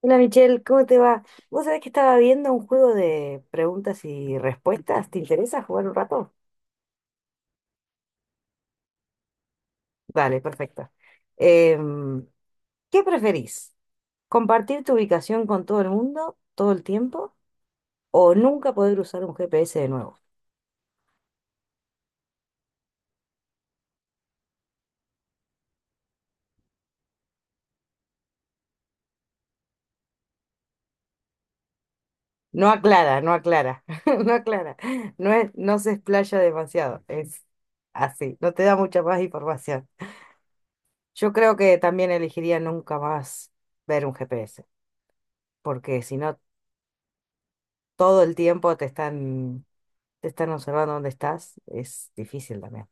Hola Michelle, ¿cómo te va? Vos sabés que estaba viendo un juego de preguntas y respuestas. ¿Te interesa jugar un rato? Dale, perfecto. Em, ¿Qué preferís? ¿Compartir tu ubicación con todo el mundo todo el tiempo o nunca poder usar un GPS de nuevo? No aclara, no aclara, no aclara. No es, no se explaya demasiado, es así, no te da mucha más información. Yo creo que también elegiría nunca más ver un GPS, porque si no todo el tiempo te están observando dónde estás, es difícil también.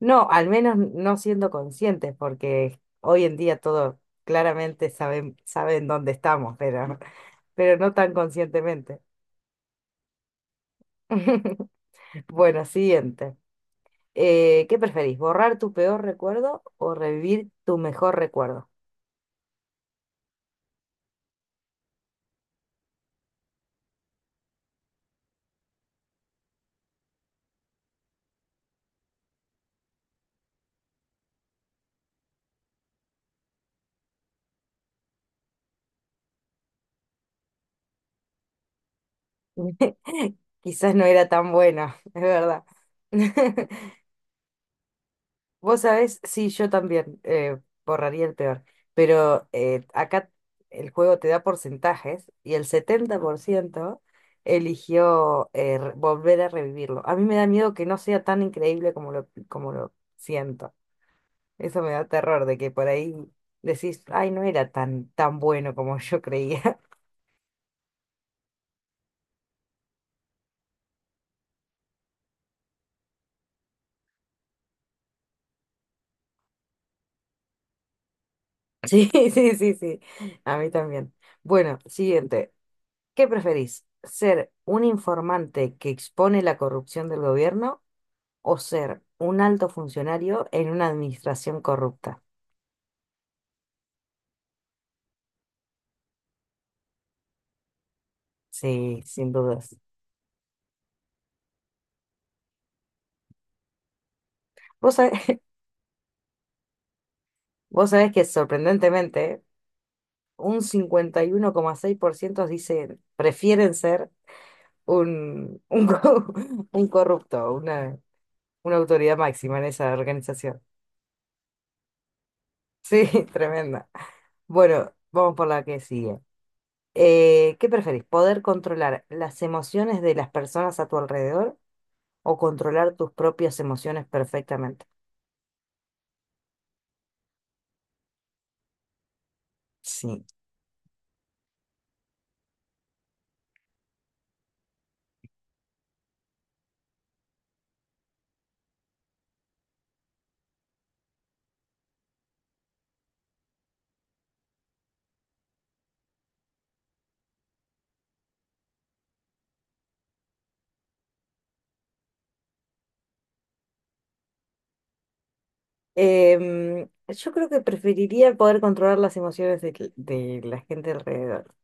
No, al menos no siendo conscientes, porque hoy en día todo claramente saben, saben dónde estamos, pero no tan conscientemente. Bueno, siguiente. ¿Qué preferís? ¿Borrar tu peor recuerdo o revivir tu mejor recuerdo? Quizás no era tan bueno, es verdad. Vos sabés, sí, yo también borraría el peor, pero acá el juego te da porcentajes y el 70% eligió volver a revivirlo. A mí me da miedo que no sea tan increíble como lo siento. Eso me da terror de que por ahí decís, ay, no era tan, tan bueno como yo creía. Sí, sí, sí, sí, a mí también. Bueno, siguiente. ¿Qué preferís? ¿Ser un informante que expone la corrupción del gobierno o ser un alto funcionario en una administración corrupta? Sí, sin dudas. Vos sabés, vos sabés que sorprendentemente un 51,6% dicen, prefieren ser un, un, co- un corrupto, una autoridad máxima en esa organización. Sí, tremenda. Bueno, vamos por la que sigue. ¿Qué preferís? ¿Poder controlar las emociones de las personas a tu alrededor o controlar tus propias emociones perfectamente? Sí. Yo creo que preferiría poder controlar las emociones de la gente alrededor,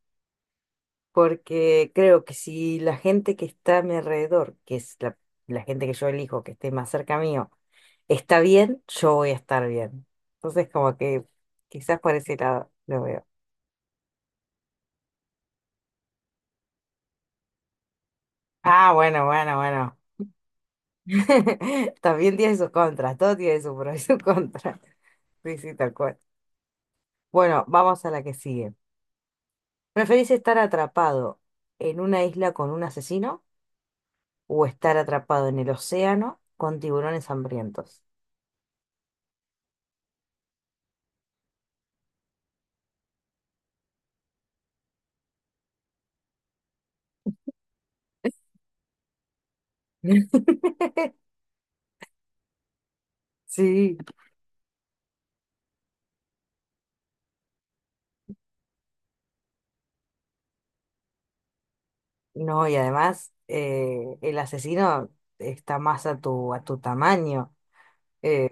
porque creo que si la gente que está a mi alrededor, que es la gente que yo elijo que esté más cerca mío, está bien, yo voy a estar bien. Entonces, como que quizás por ese lado lo veo. Ah, bueno, bueno, bueno. También tiene sus contras, todo tiene su pro y su contra. Sí, sí, tal cual. Bueno, vamos a la que sigue. ¿Preferís estar atrapado en una isla con un asesino o estar atrapado en el océano con tiburones hambrientos? Sí, no, y además el asesino está más a tu tamaño. Eh,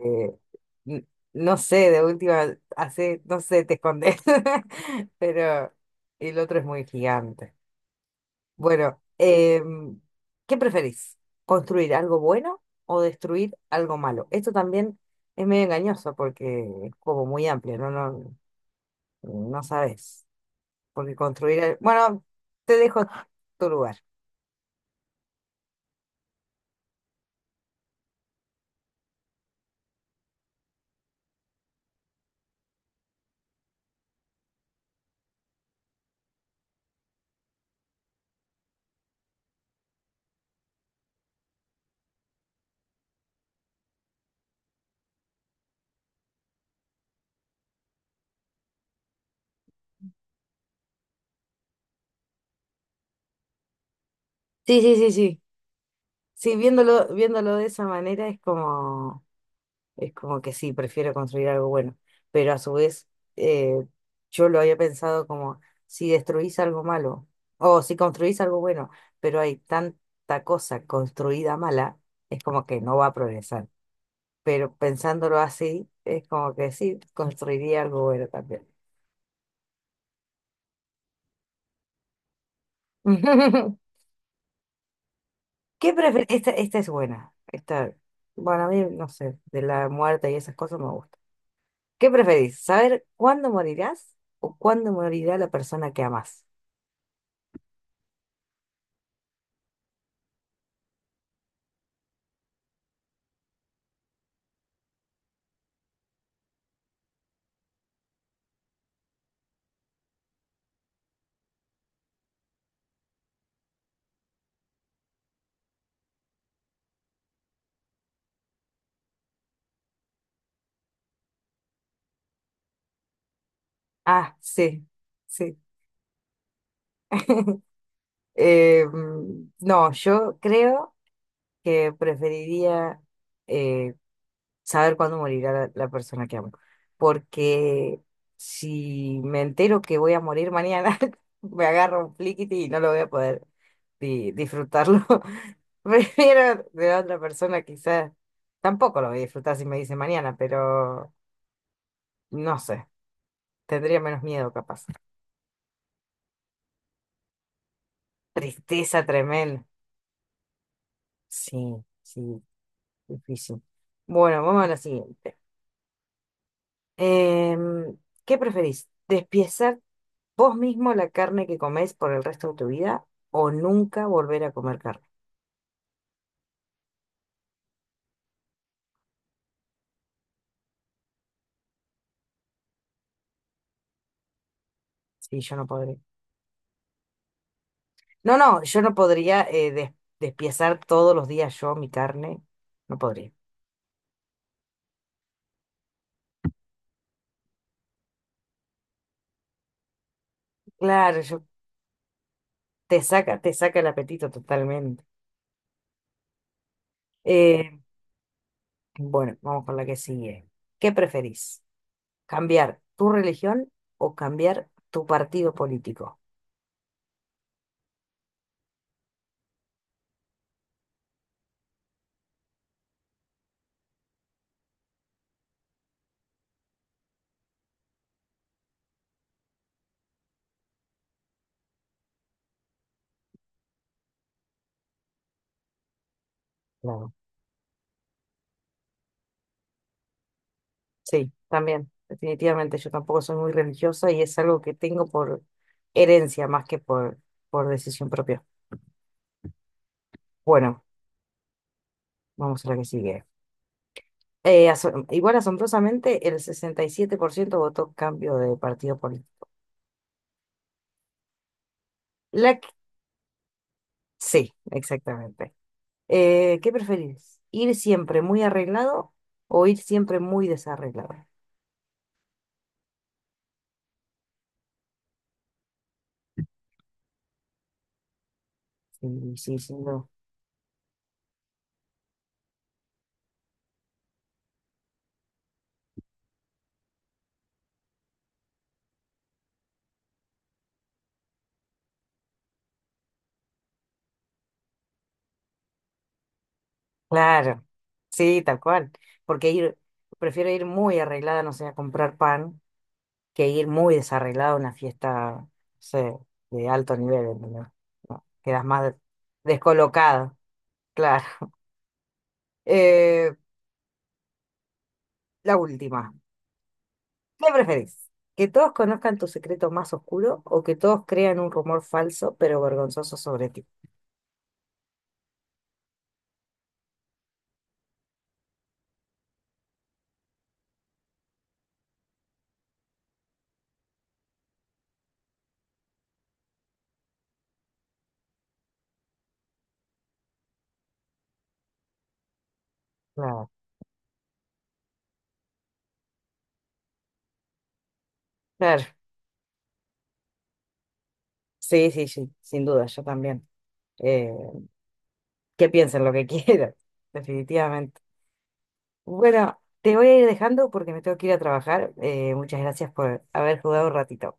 n- no sé, de última, hace, no sé, te escondes, pero el otro es muy gigante. Bueno, ¿qué preferís? ¿Construir algo bueno o destruir algo malo? Esto también es medio engañoso porque es como muy amplio, no, no, no sabes. Porque construir, el- bueno, te dejo tu lugar. Sí, sí, sí, sí. Sí, viéndolo, viéndolo de esa manera es como. Es como que sí, prefiero construir algo bueno. Pero a su vez, eh, yo lo había pensado como si destruís algo malo o si construís algo bueno, pero hay tanta cosa construida mala, es como que no va a progresar. Pero pensándolo así, es como que sí, construiría algo bueno también. ¿Qué prefieres? Esta es buena. Esta, bueno, a mí, no sé, de la muerte y esas cosas me gusta. ¿Qué preferís? ¿Saber cuándo morirás o cuándo morirá la persona que amás? Ah, sí, sí. No, yo creo que preferiría eh, saber cuándo morirá la persona que amo, porque si me entero que voy a morir mañana, me agarro un fliquiti y no lo voy a poder disfrutarlo. Prefiero de otra persona quizás, tampoco lo voy a disfrutar si me dice mañana, pero no sé, tendría menos miedo capaz. Tristeza tremenda. Sí, sí. Difícil. Bueno, vamos a la siguiente. Em, ¿Qué preferís? ¿Despiezar vos mismo la carne que comés por el resto de tu vida o nunca volver a comer carne? Sí, yo no podría. No, no, yo no podría despiezar todos los días yo mi carne. No podría. Claro, yo, te saca el apetito totalmente. Eh, bueno, vamos con la que sigue. ¿Qué preferís? ¿Cambiar tu religión o cambiar tu partido político? Claro. Sí, también, definitivamente. Yo tampoco soy muy religiosa y es algo que tengo por herencia más que por decisión propia. Bueno, vamos a la que sigue. Igual asombrosamente, el 67% votó cambio de partido político. La que- sí, exactamente. ¿Qué preferís? ¿Ir siempre muy arreglado o ir siempre muy desarreglado? Sí, sí, sí, no. Claro, sí, tal cual. Porque ir, prefiero ir muy arreglada, no sé, a comprar pan que ir muy desarreglado a una fiesta, no sé, de alto nivel, ¿entendés? No, quedas más descolocado, claro. Eh, la última. ¿Qué preferís? ¿Que todos conozcan tu secreto más oscuro o que todos crean un rumor falso pero vergonzoso sobre ti? Claro, claro. Sí, sí, sí, sin duda, yo también. Eh, que piensen lo que quieran, definitivamente. Bueno, te voy a ir dejando porque me tengo que ir a trabajar. Muchas gracias por haber jugado un ratito.